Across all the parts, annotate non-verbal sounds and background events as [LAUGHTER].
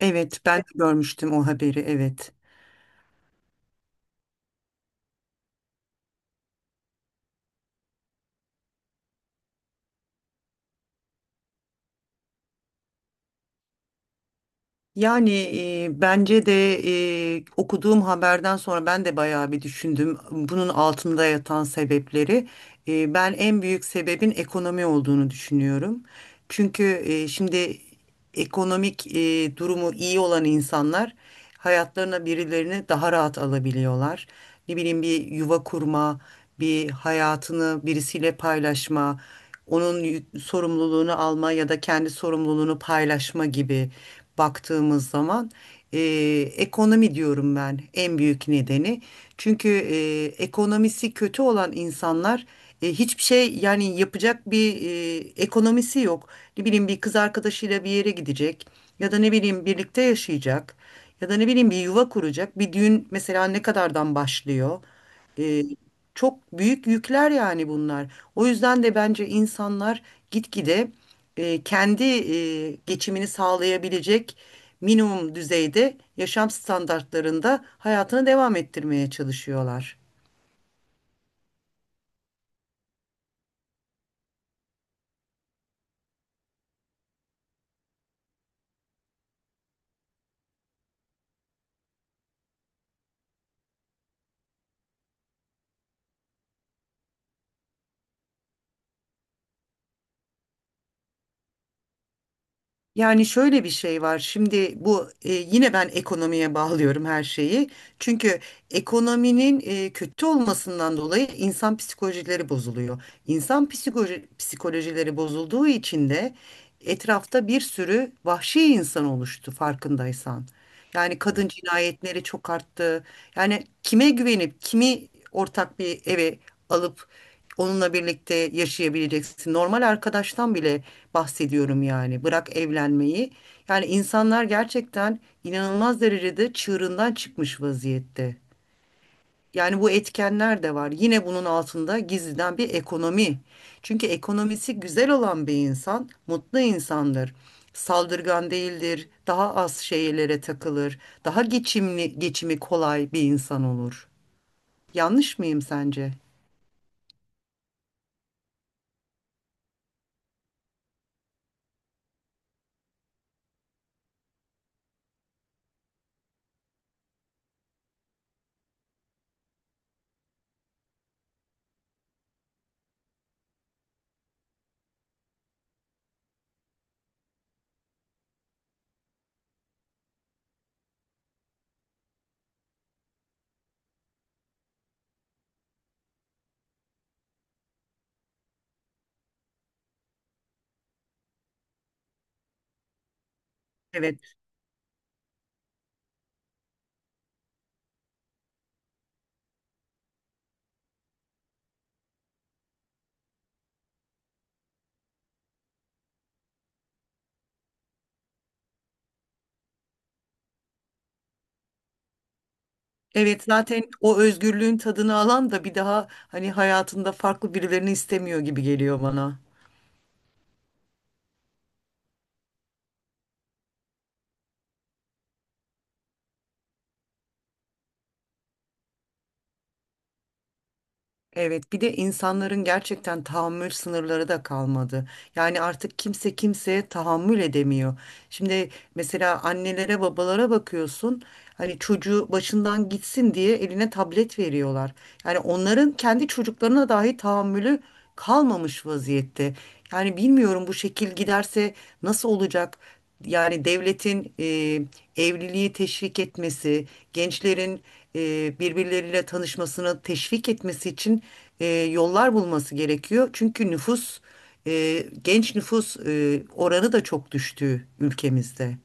Evet, ben de görmüştüm o haberi. Evet. Yani bence de okuduğum haberden sonra ben de bayağı bir düşündüm bunun altında yatan sebepleri. Ben en büyük sebebin ekonomi olduğunu düşünüyorum. Çünkü şimdi ekonomik durumu iyi olan insanlar hayatlarına birilerini daha rahat alabiliyorlar. Ne bileyim bir yuva kurma, bir hayatını birisiyle paylaşma, onun sorumluluğunu alma ya da kendi sorumluluğunu paylaşma gibi baktığımız zaman. E, Ekonomi diyorum ben en büyük nedeni. Çünkü ekonomisi kötü olan insanlar hiçbir şey yani yapacak bir ekonomisi yok. Ne bileyim bir kız arkadaşıyla bir yere gidecek ya da ne bileyim birlikte yaşayacak ya da ne bileyim bir yuva kuracak. Bir düğün mesela ne kadardan başlıyor? E, Çok büyük yükler yani bunlar. O yüzden de bence insanlar gitgide kendi geçimini sağlayabilecek minimum düzeyde yaşam standartlarında hayatını devam ettirmeye çalışıyorlar. Yani şöyle bir şey var. Şimdi bu yine ben ekonomiye bağlıyorum her şeyi. Çünkü ekonominin kötü olmasından dolayı insan psikolojileri bozuluyor. İnsan psikolojileri bozulduğu için de etrafta bir sürü vahşi insan oluştu farkındaysan. Yani kadın cinayetleri çok arttı. Yani kime güvenip kimi ortak bir eve alıp onunla birlikte yaşayabileceksin? Normal arkadaştan bile bahsediyorum yani. Bırak evlenmeyi. Yani insanlar gerçekten inanılmaz derecede çığırından çıkmış vaziyette. Yani bu etkenler de var. Yine bunun altında gizliden bir ekonomi. Çünkü ekonomisi güzel olan bir insan mutlu insandır. Saldırgan değildir, daha az şeylere takılır, daha geçimli, geçimi kolay bir insan olur. Yanlış mıyım sence? Evet. Evet, zaten o özgürlüğün tadını alan da bir daha hani hayatında farklı birilerini istemiyor gibi geliyor bana. Evet, bir de insanların gerçekten tahammül sınırları da kalmadı. Yani artık kimse kimseye tahammül edemiyor. Şimdi mesela annelere, babalara bakıyorsun. Hani çocuğu başından gitsin diye eline tablet veriyorlar. Yani onların kendi çocuklarına dahi tahammülü kalmamış vaziyette. Yani bilmiyorum bu şekil giderse nasıl olacak? Yani devletin evliliği teşvik etmesi, gençlerin birbirleriyle tanışmasını teşvik etmesi için yollar bulması gerekiyor. Çünkü genç nüfus oranı da çok düştü ülkemizde.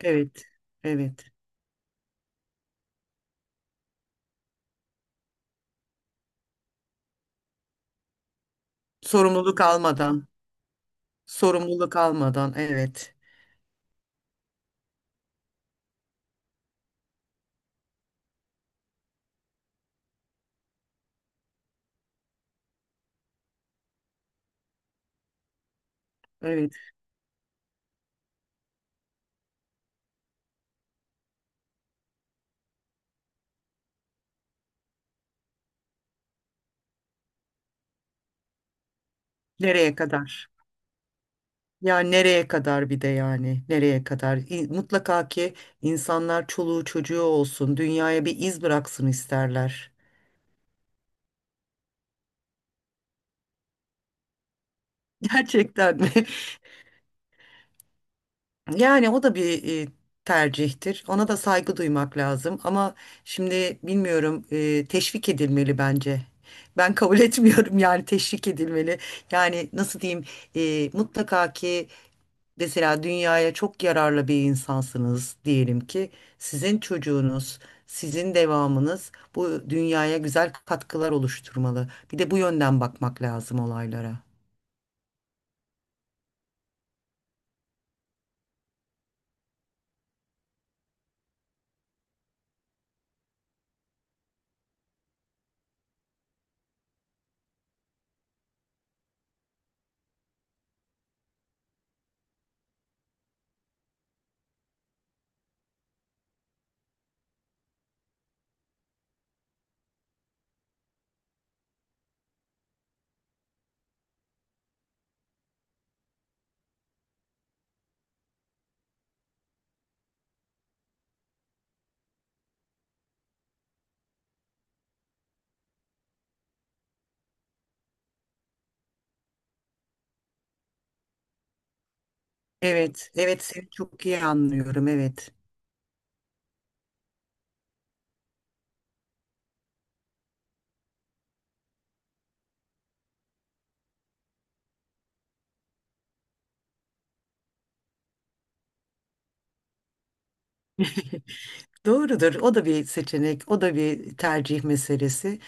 Evet, evet. Sorumluluk almadan, sorumluluk almadan, evet, evet. Nereye kadar? Ya nereye kadar bir de yani nereye kadar mutlaka ki insanlar çoluğu çocuğu olsun dünyaya bir iz bıraksın isterler. [LAUGHS] Gerçekten mi? Yani o da bir tercihtir. Ona da saygı duymak lazım ama şimdi bilmiyorum teşvik edilmeli bence. Ben kabul [LAUGHS] etmiyorum yani teşvik edilmeli. Yani nasıl diyeyim mutlaka ki mesela dünyaya çok yararlı bir insansınız diyelim ki sizin çocuğunuz, sizin devamınız bu dünyaya güzel katkılar oluşturmalı. Bir de bu yönden bakmak lazım olaylara. Evet, evet, seni çok iyi anlıyorum. Evet. Doğrudur. O da bir seçenek, o da bir tercih meselesi.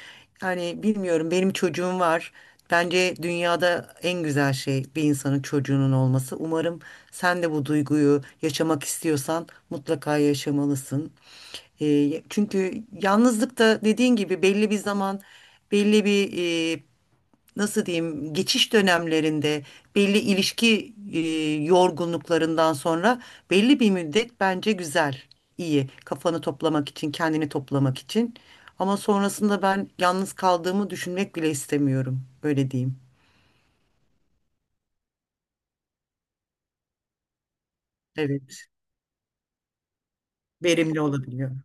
Yani bilmiyorum benim çocuğum var. Bence dünyada en güzel şey bir insanın çocuğunun olması. Umarım sen de bu duyguyu yaşamak istiyorsan mutlaka yaşamalısın. Çünkü yalnızlık da dediğin gibi belli bir zaman, belli bir e, nasıl diyeyim geçiş dönemlerinde belli ilişki yorgunluklarından sonra belli bir müddet bence güzel, iyi. Kafanı toplamak için, kendini toplamak için. Ama sonrasında ben yalnız kaldığımı düşünmek bile istemiyorum. Öyle diyeyim. Evet. Verimli olabiliyor.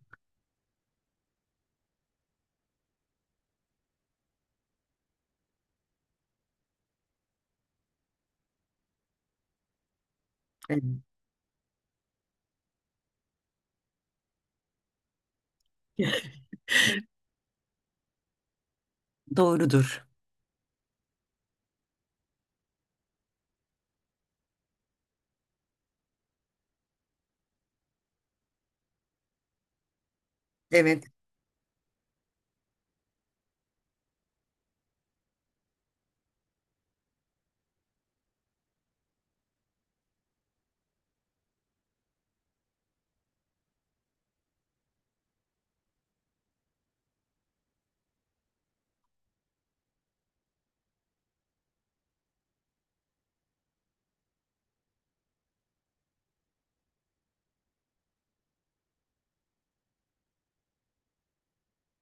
Evet. [LAUGHS] Doğrudur. Evet.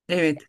Evet.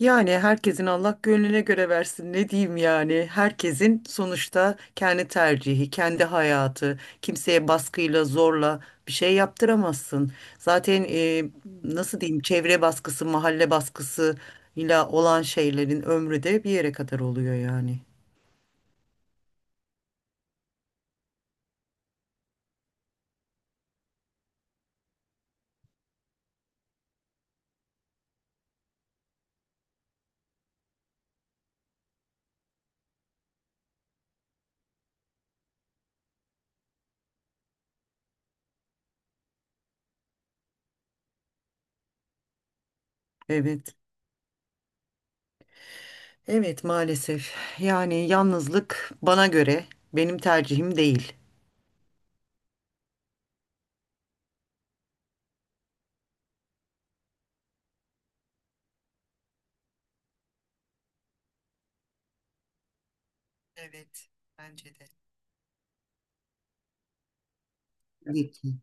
Yani herkesin Allah gönlüne göre versin ne diyeyim, yani herkesin sonuçta kendi tercihi, kendi hayatı, kimseye baskıyla zorla bir şey yaptıramazsın zaten, nasıl diyeyim, çevre baskısı, mahalle baskısı ile olan şeylerin ömrü de bir yere kadar oluyor yani. Evet, evet, maalesef yani yalnızlık bana göre benim tercihim değil. Evet, bence de. Tabii ki.